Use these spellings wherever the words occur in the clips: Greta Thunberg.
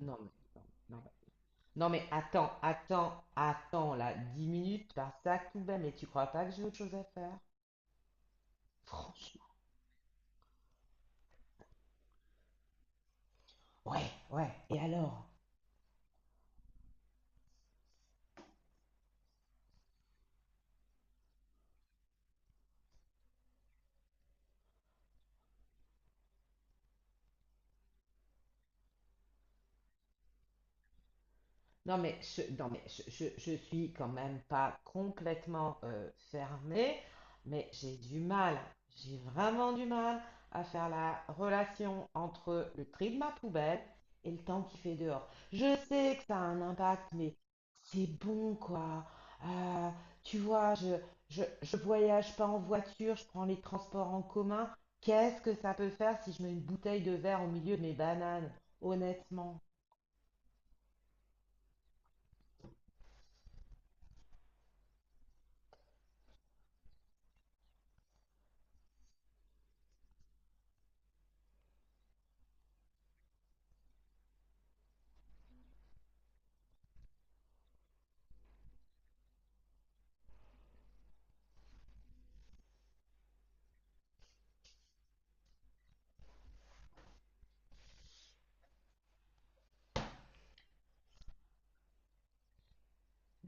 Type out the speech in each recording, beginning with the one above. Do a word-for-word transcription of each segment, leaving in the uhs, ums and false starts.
Non mais, non mais, non mais attends, attends, attends là, dix minutes par ça sac poubelle, mais tu crois pas que j'ai autre chose à faire? Franchement. Ouais, ouais, et alors? Non, mais je, non, mais je, je, je suis quand même pas complètement euh, fermée, mais j'ai du mal, j'ai vraiment du mal à faire la relation entre le tri de ma poubelle et le temps qu'il fait dehors. Je sais que ça a un impact, mais c'est bon, quoi. Euh, Tu vois, je, je, je voyage pas en voiture, je prends les transports en commun. Qu'est-ce que ça peut faire si je mets une bouteille de verre au milieu de mes bananes, honnêtement?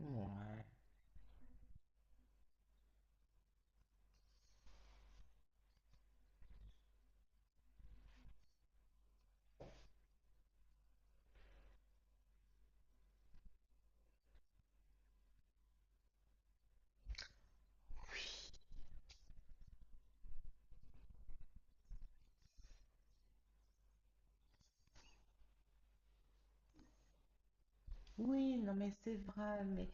Ouais. Oui, non mais c'est vrai, mais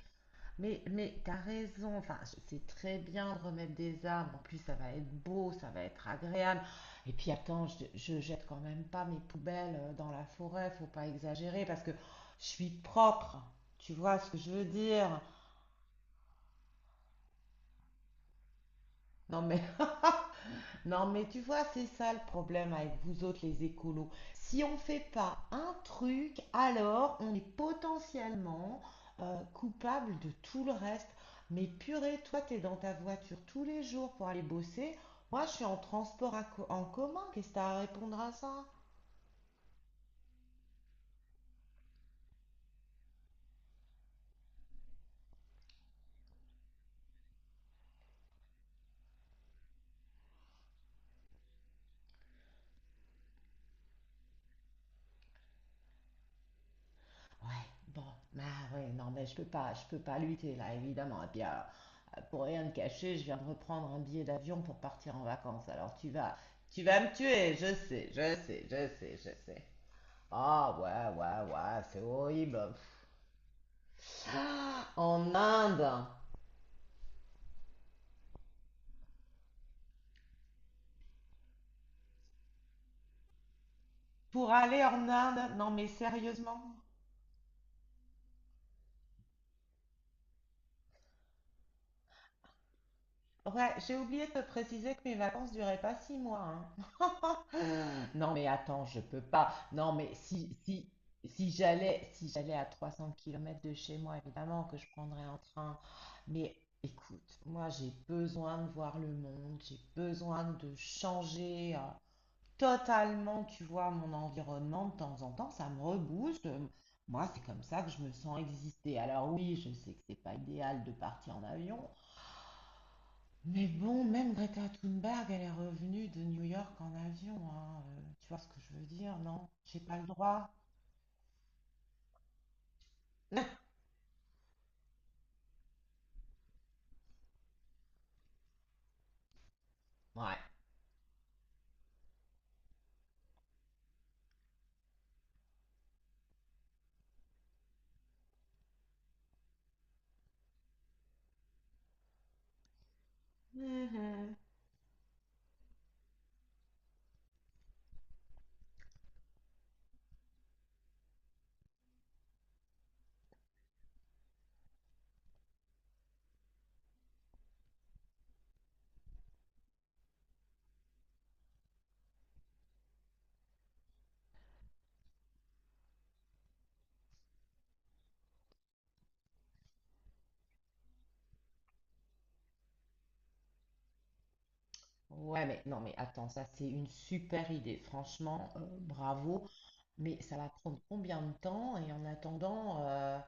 mais mais t'as raison. Enfin, je- c'est très bien de remettre des arbres. En plus, ça va être beau, ça va être agréable. Et puis attends, je, je jette quand même pas mes poubelles euh, dans la forêt. Faut pas exagérer parce que je suis propre. Tu vois ce que je veux dire? Non mais non, mais tu vois, c'est ça le problème avec vous autres les écolos. Si on ne fait pas un truc, alors on est potentiellement euh, coupable de tout le reste. Mais purée, toi, t'es dans ta voiture tous les jours pour aller bosser. Moi, je suis en transport à co- en commun. Qu'est-ce que t'as à répondre à ça? Ouais, bon, bah ouais, non, mais je peux pas, je peux pas lutter là, évidemment. Et puis alors, euh, pour rien te cacher, je viens de reprendre un billet d'avion pour partir en vacances. Alors tu vas, tu vas me tuer, je sais, je sais, je sais, je sais. Ah ouais, ouais, ouais, c'est horrible. Ah, en Inde. Pour aller en Inde, non mais sérieusement. Ouais, j'ai oublié de te préciser que mes vacances duraient pas six mois, hein. Euh, Non, mais attends, je peux pas. Non, mais si, si, si j'allais, si j'allais à trois cents kilomètres de chez moi, évidemment que je prendrais un train. Mais écoute, moi, j'ai besoin de voir le monde, j'ai besoin de changer euh, totalement, tu vois, mon environnement de temps en temps. Ça me rebooste. Moi, c'est comme ça que je me sens exister. Alors oui, je sais que c'est pas idéal de partir en avion, mais bon, même Greta Thunberg, elle est revenue de New York en avion, hein, euh, tu vois ce que je veux dire, non? J'ai pas le droit. Ouais. Mhm. Ouais, mais non, mais attends, ça c'est une super idée. Franchement, euh, bravo. Mais ça va prendre combien de temps? Et en attendant, euh,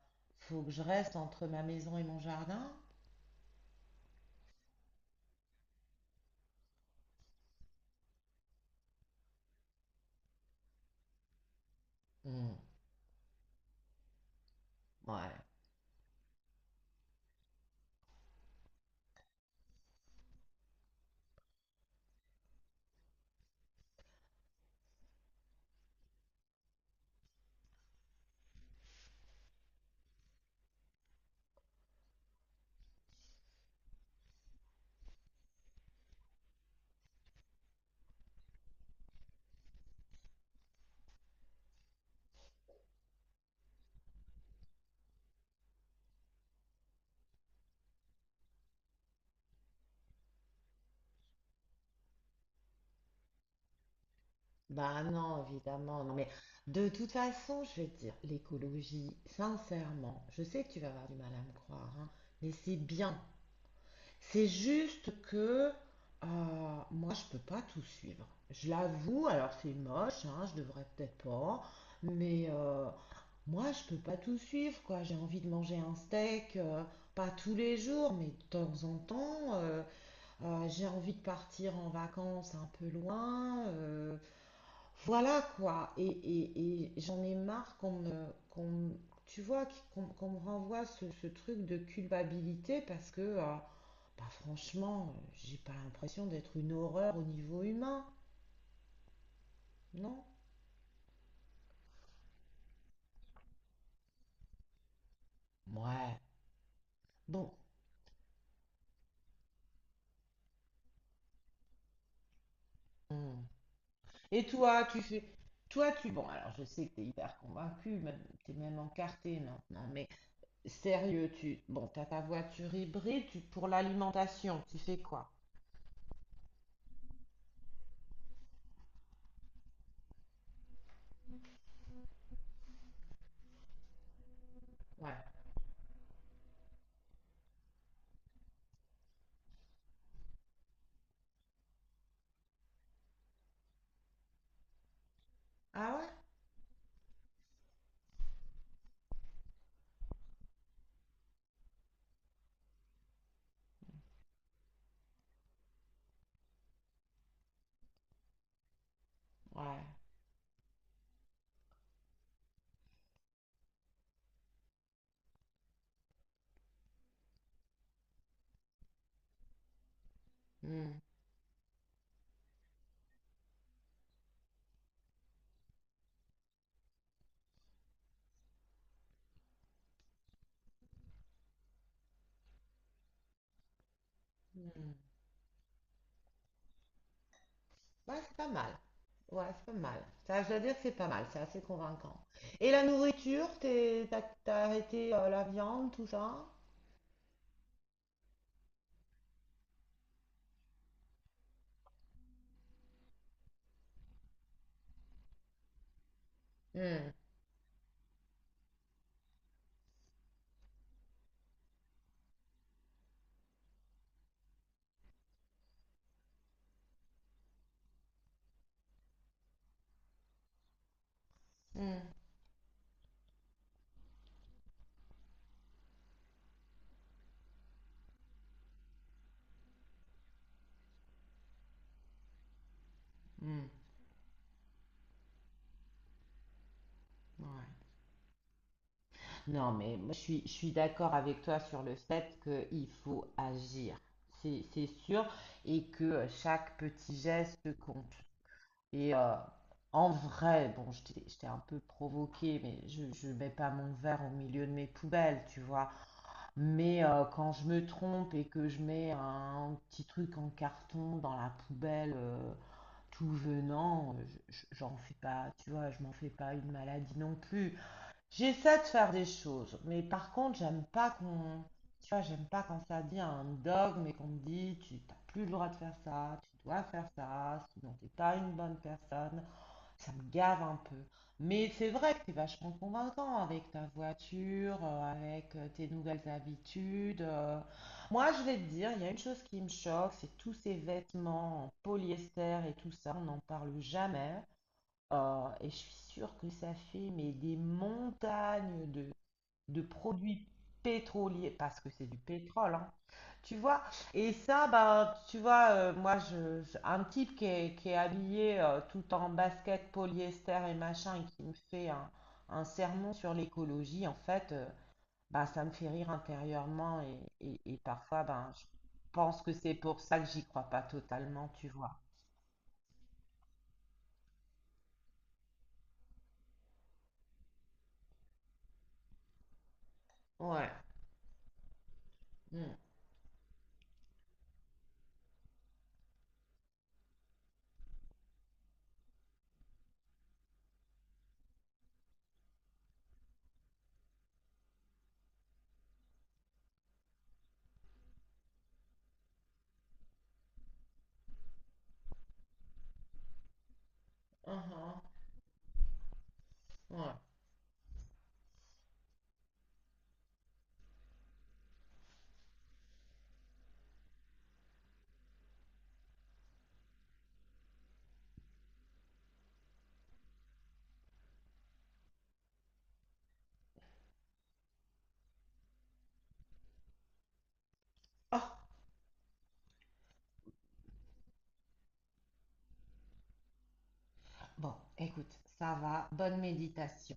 faut que je reste entre ma maison et mon jardin? Hmm, ouais. Bah non, évidemment. Non, mais de toute façon, je vais te dire, l'écologie, sincèrement, je sais que tu vas avoir du mal à me croire, hein, mais c'est bien. C'est juste que euh, moi, je peux pas tout suivre. Je l'avoue, alors c'est moche, hein, je devrais peut-être pas, mais euh, moi, je peux pas tout suivre, quoi. J'ai envie de manger un steak, euh, pas tous les jours, mais de temps en temps. Euh, euh, j'ai envie de partir en vacances un peu loin. Euh, voilà quoi, et, et- et j'en ai marre qu'on me, qu'on me- tu vois, qu'on qu'on me renvoie ce, ce truc de culpabilité parce que, euh, bah franchement, euh, j'ai pas l'impression d'être une horreur au niveau humain, non? Ouais, bon. Hmm. Et toi, tu fais, toi tu, bon alors je sais que t'es hyper convaincu, même, t'es même encarté maintenant, mais sérieux, tu, bon t'as ta voiture hybride, tu, pour l'alimentation, tu fais quoi? Ouais. Ah ouais? Ouais. Hmm. Hmm. Ouais, c'est pas mal. Ouais, c'est pas mal. Ça, je dois dire que c'est pas mal, c'est assez convaincant. Et la nourriture, t'es- t'as, t'as arrêté euh, la viande, tout ça? Hmm. Hmm. Hmm, ouais. Non, mais moi, je suis, je suis d'accord avec toi sur le fait qu'il faut agir, c'est, c'est sûr, et que chaque petit geste compte. Et euh, en vrai, bon, je t'ai je t'ai un peu provoqué, mais je ne mets pas mon verre au milieu de mes poubelles, tu vois. Mais euh, quand je me trompe et que je mets un petit truc en carton dans la poubelle euh, tout venant, euh, je- je- j'en fais pas, tu vois, je m'en fais pas une maladie non plus. J'essaie de faire des choses, mais par contre, j'aime pas qu'on, tu vois, j'aime pas quand ça devient un dogme et qu'on me dit, tu n'as plus le droit de faire ça, tu dois faire ça, sinon t'es pas une bonne personne. Ça me gave un peu. Mais c'est vrai que t'es vachement convaincant avec ta voiture, euh, avec euh, tes nouvelles habitudes. Euh. Moi, je vais te dire, il y a une chose qui me choque, c'est tous ces vêtements en polyester et tout ça, on n'en parle jamais. Euh, et je suis sûre que ça fait mais des montagnes de de produits pétroliers, parce que c'est du pétrole, hein, tu vois. Et ça, bah, tu vois, euh, moi, je, je- un type qui est, qui est habillé euh, tout en basket, polyester et machin, et qui me fait un, un sermon sur l'écologie, en fait, euh, bah, ça me fait rire intérieurement, et, et- et parfois, ben, je pense que c'est pour ça que j'y crois pas totalement, tu vois. Ouais. Mm. Mhm. Ouais. Ah, bon, écoute, ça va, bonne méditation.